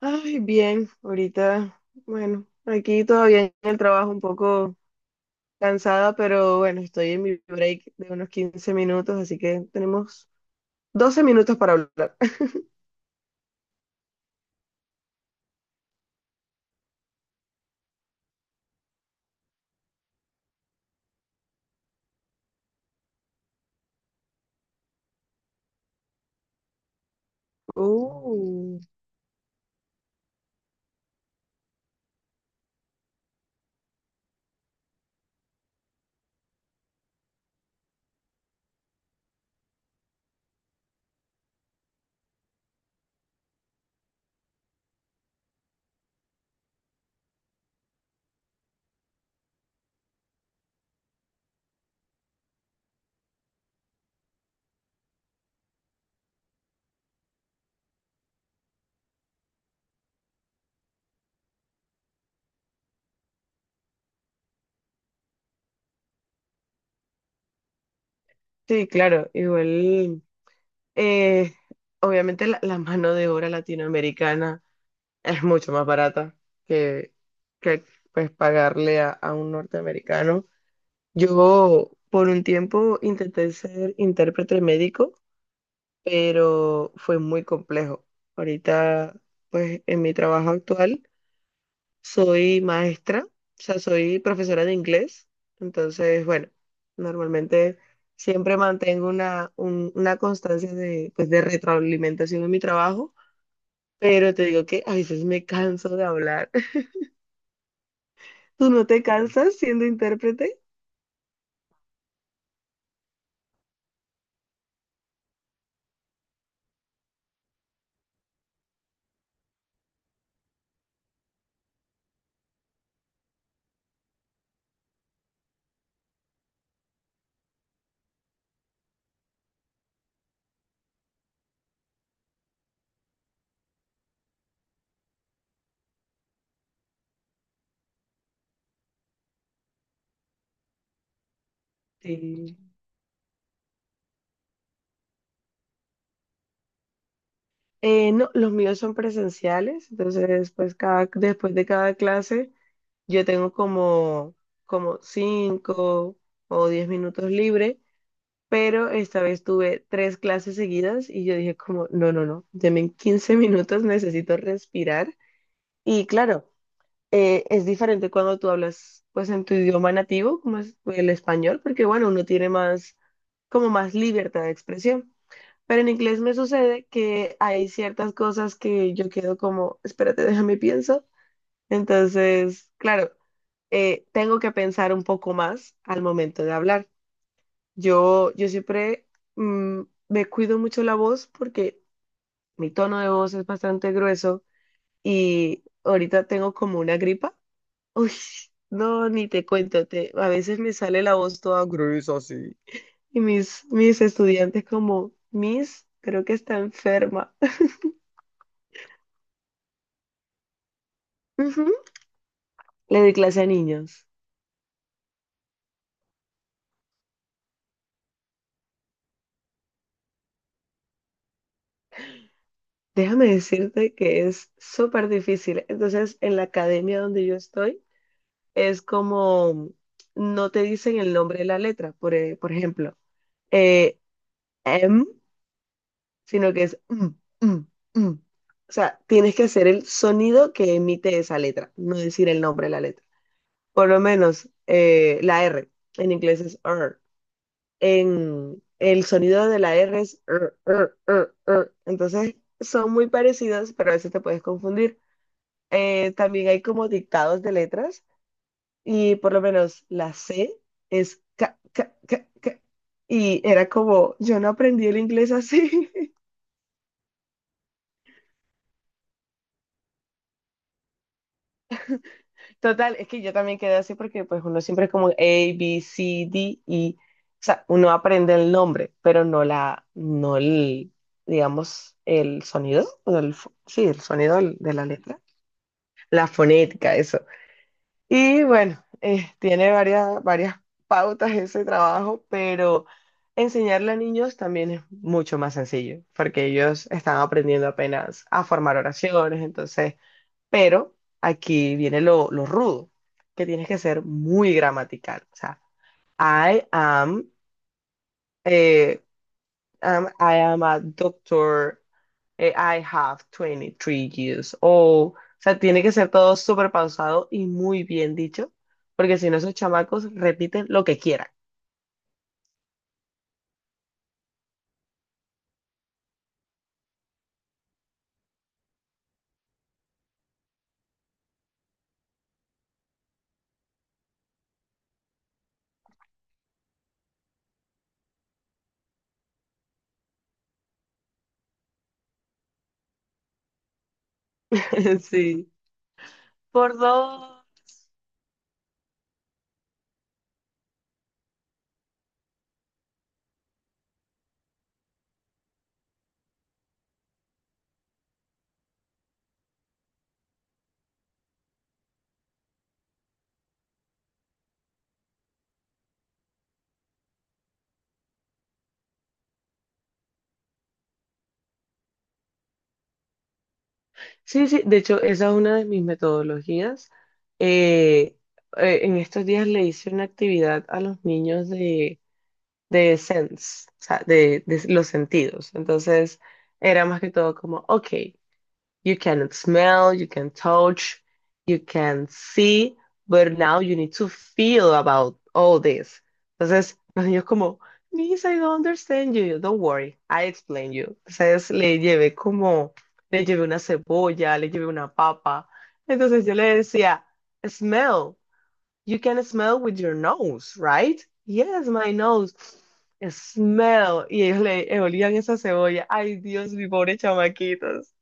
Ay, bien, ahorita, bueno, aquí todavía en el trabajo un poco cansada, pero bueno, estoy en mi break de unos 15 minutos, así que tenemos 12 minutos para hablar. Uh, sí, claro, igual, eh, obviamente la mano de obra latinoamericana es mucho más barata que, que pues, pagarle a un norteamericano. Yo por un tiempo intenté ser intérprete médico, pero fue muy complejo. Ahorita, pues en mi trabajo actual, soy maestra, o sea, soy profesora de inglés. Entonces, bueno, normalmente siempre mantengo una constancia de, pues, de retroalimentación en mi trabajo, pero te digo que a veces me canso de hablar. ¿Tú no te cansas siendo intérprete? Sí. No, los míos son presenciales, entonces pues cada, después de cada clase. Yo tengo como 5 o 10 minutos libre, pero esta vez tuve tres clases seguidas y yo dije como, no, no, no, deme en 15 minutos, necesito respirar. Y claro, es diferente cuando tú hablas pues en tu idioma nativo, como es el español, porque bueno, uno tiene más, como más libertad de expresión. Pero en inglés me sucede que hay ciertas cosas que yo quedo como, espérate, déjame pienso, entonces, claro, tengo que pensar un poco más al momento de hablar. Yo siempre mm, me cuido mucho la voz porque mi tono de voz es bastante grueso y ahorita tengo como una gripa. Uy, no, ni te cuento, a veces me sale la voz toda gruesa así. Y mis estudiantes como, Miss, creo que está enferma. Ujú. Le doy clase a niños. Déjame decirte que es súper difícil. Entonces, en la academia donde yo estoy, es como, no te dicen el nombre de la letra, por ejemplo, eh, M, sino que es M, M, M. O sea, tienes que hacer el sonido que emite esa letra, no decir el nombre de la letra. Por lo menos la R, en inglés es R. En el sonido de la R es R, R, R, R. Entonces, son muy parecidos, pero a veces te puedes confundir. También hay como dictados de letras y por lo menos la C es ca, ca, ca, ca. Y era como, yo no aprendí el inglés así. Total, es que yo también quedé así porque pues uno siempre es como A, B, C, D, y, o sea, uno aprende el nombre, pero no la, no el, digamos, el sonido, o el, sí, el sonido de la letra. La fonética, eso. Y bueno, tiene varias pautas ese trabajo, pero enseñarle a niños también es mucho más sencillo, porque ellos están aprendiendo apenas a formar oraciones. Entonces, pero aquí viene lo rudo, que tienes que ser muy gramatical. O sea, I am, eh, I am a doctor. I have 23 years old. O sea, tiene que ser todo súper pausado y muy bien dicho, porque si no, esos chamacos repiten lo que quieran. Sí. Por dos. Sí, sí, de hecho, esa es una de mis metodologías. Eh, en estos días le hice una actividad a los niños de sense, o sea, de los sentidos. Entonces, era más que todo como, ok, you can smell, you can touch, you can see, but now you need to feel about all this. Entonces, los niños como, Miss, I don't understand you. Don't worry, I explain you. Entonces, le llevé una cebolla, le llevé una papa. Entonces, yo le decía, smell. You can smell with your nose, right? Yes, my nose. Smell. Y ellos le olían esa cebolla. Ay, Dios, mi pobre chamaquitos.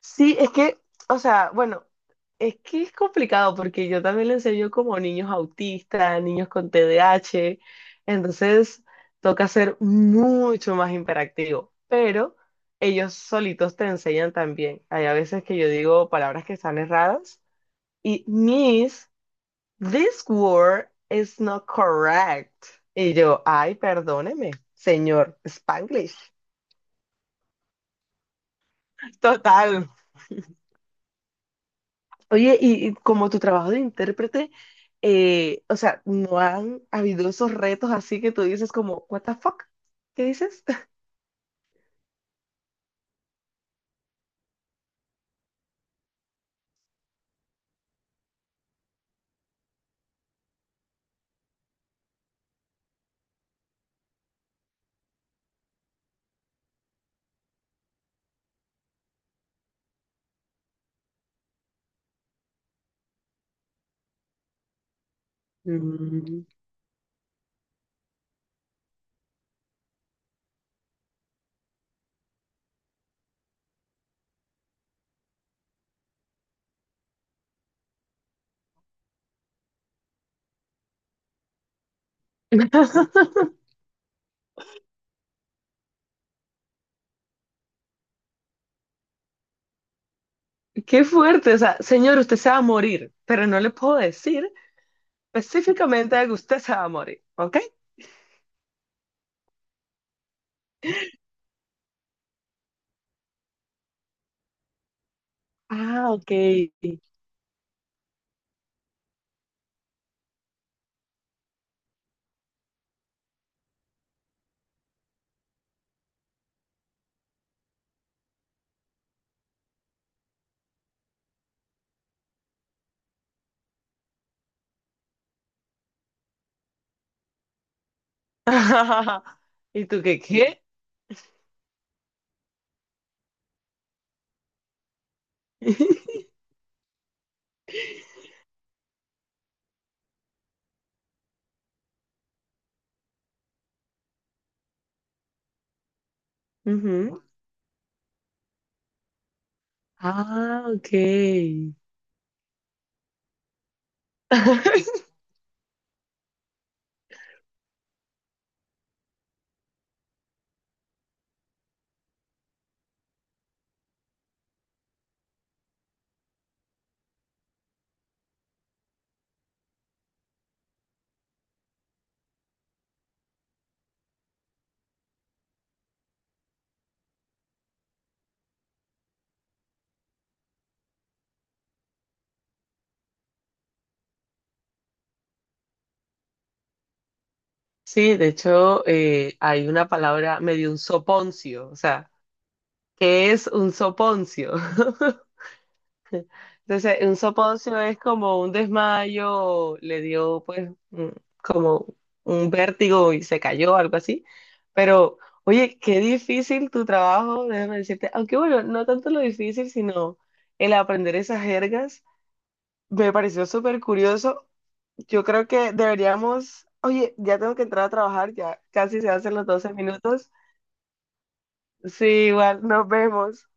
Sí, es que, o sea, bueno, es que es complicado porque yo también le enseño como niños autistas, niños con TDAH. Entonces, toca ser mucho más imperactivo. Pero ellos solitos te enseñan también. Hay a veces que yo digo palabras que están erradas. Y mis, This word is not correct. Y yo, ay, perdóneme, señor Spanglish. Total. Oye, y como tu trabajo de intérprete, o sea, ¿no han habido esos retos así que tú dices como, what the fuck? ¿Qué dices? Mm. Qué fuerte, o sea, señor, usted se va a morir, pero no le puedo decir específicamente que usted se va a morir, ¿ok? Ah, ok. ¿Y tú qué qué? Ujú. Ah, ok. Sí, de hecho, hay una palabra medio un soponcio, o sea, ¿qué es un soponcio? Entonces, un soponcio es como un desmayo, le dio pues como un vértigo y se cayó, algo así. Pero, oye, qué difícil tu trabajo, déjame decirte, aunque bueno, no tanto lo difícil, sino el aprender esas jergas. Me pareció súper curioso. Yo creo que deberíamos, oye, ya tengo que entrar a trabajar, ya casi se hacen los 12 minutos. Sí, igual, nos vemos.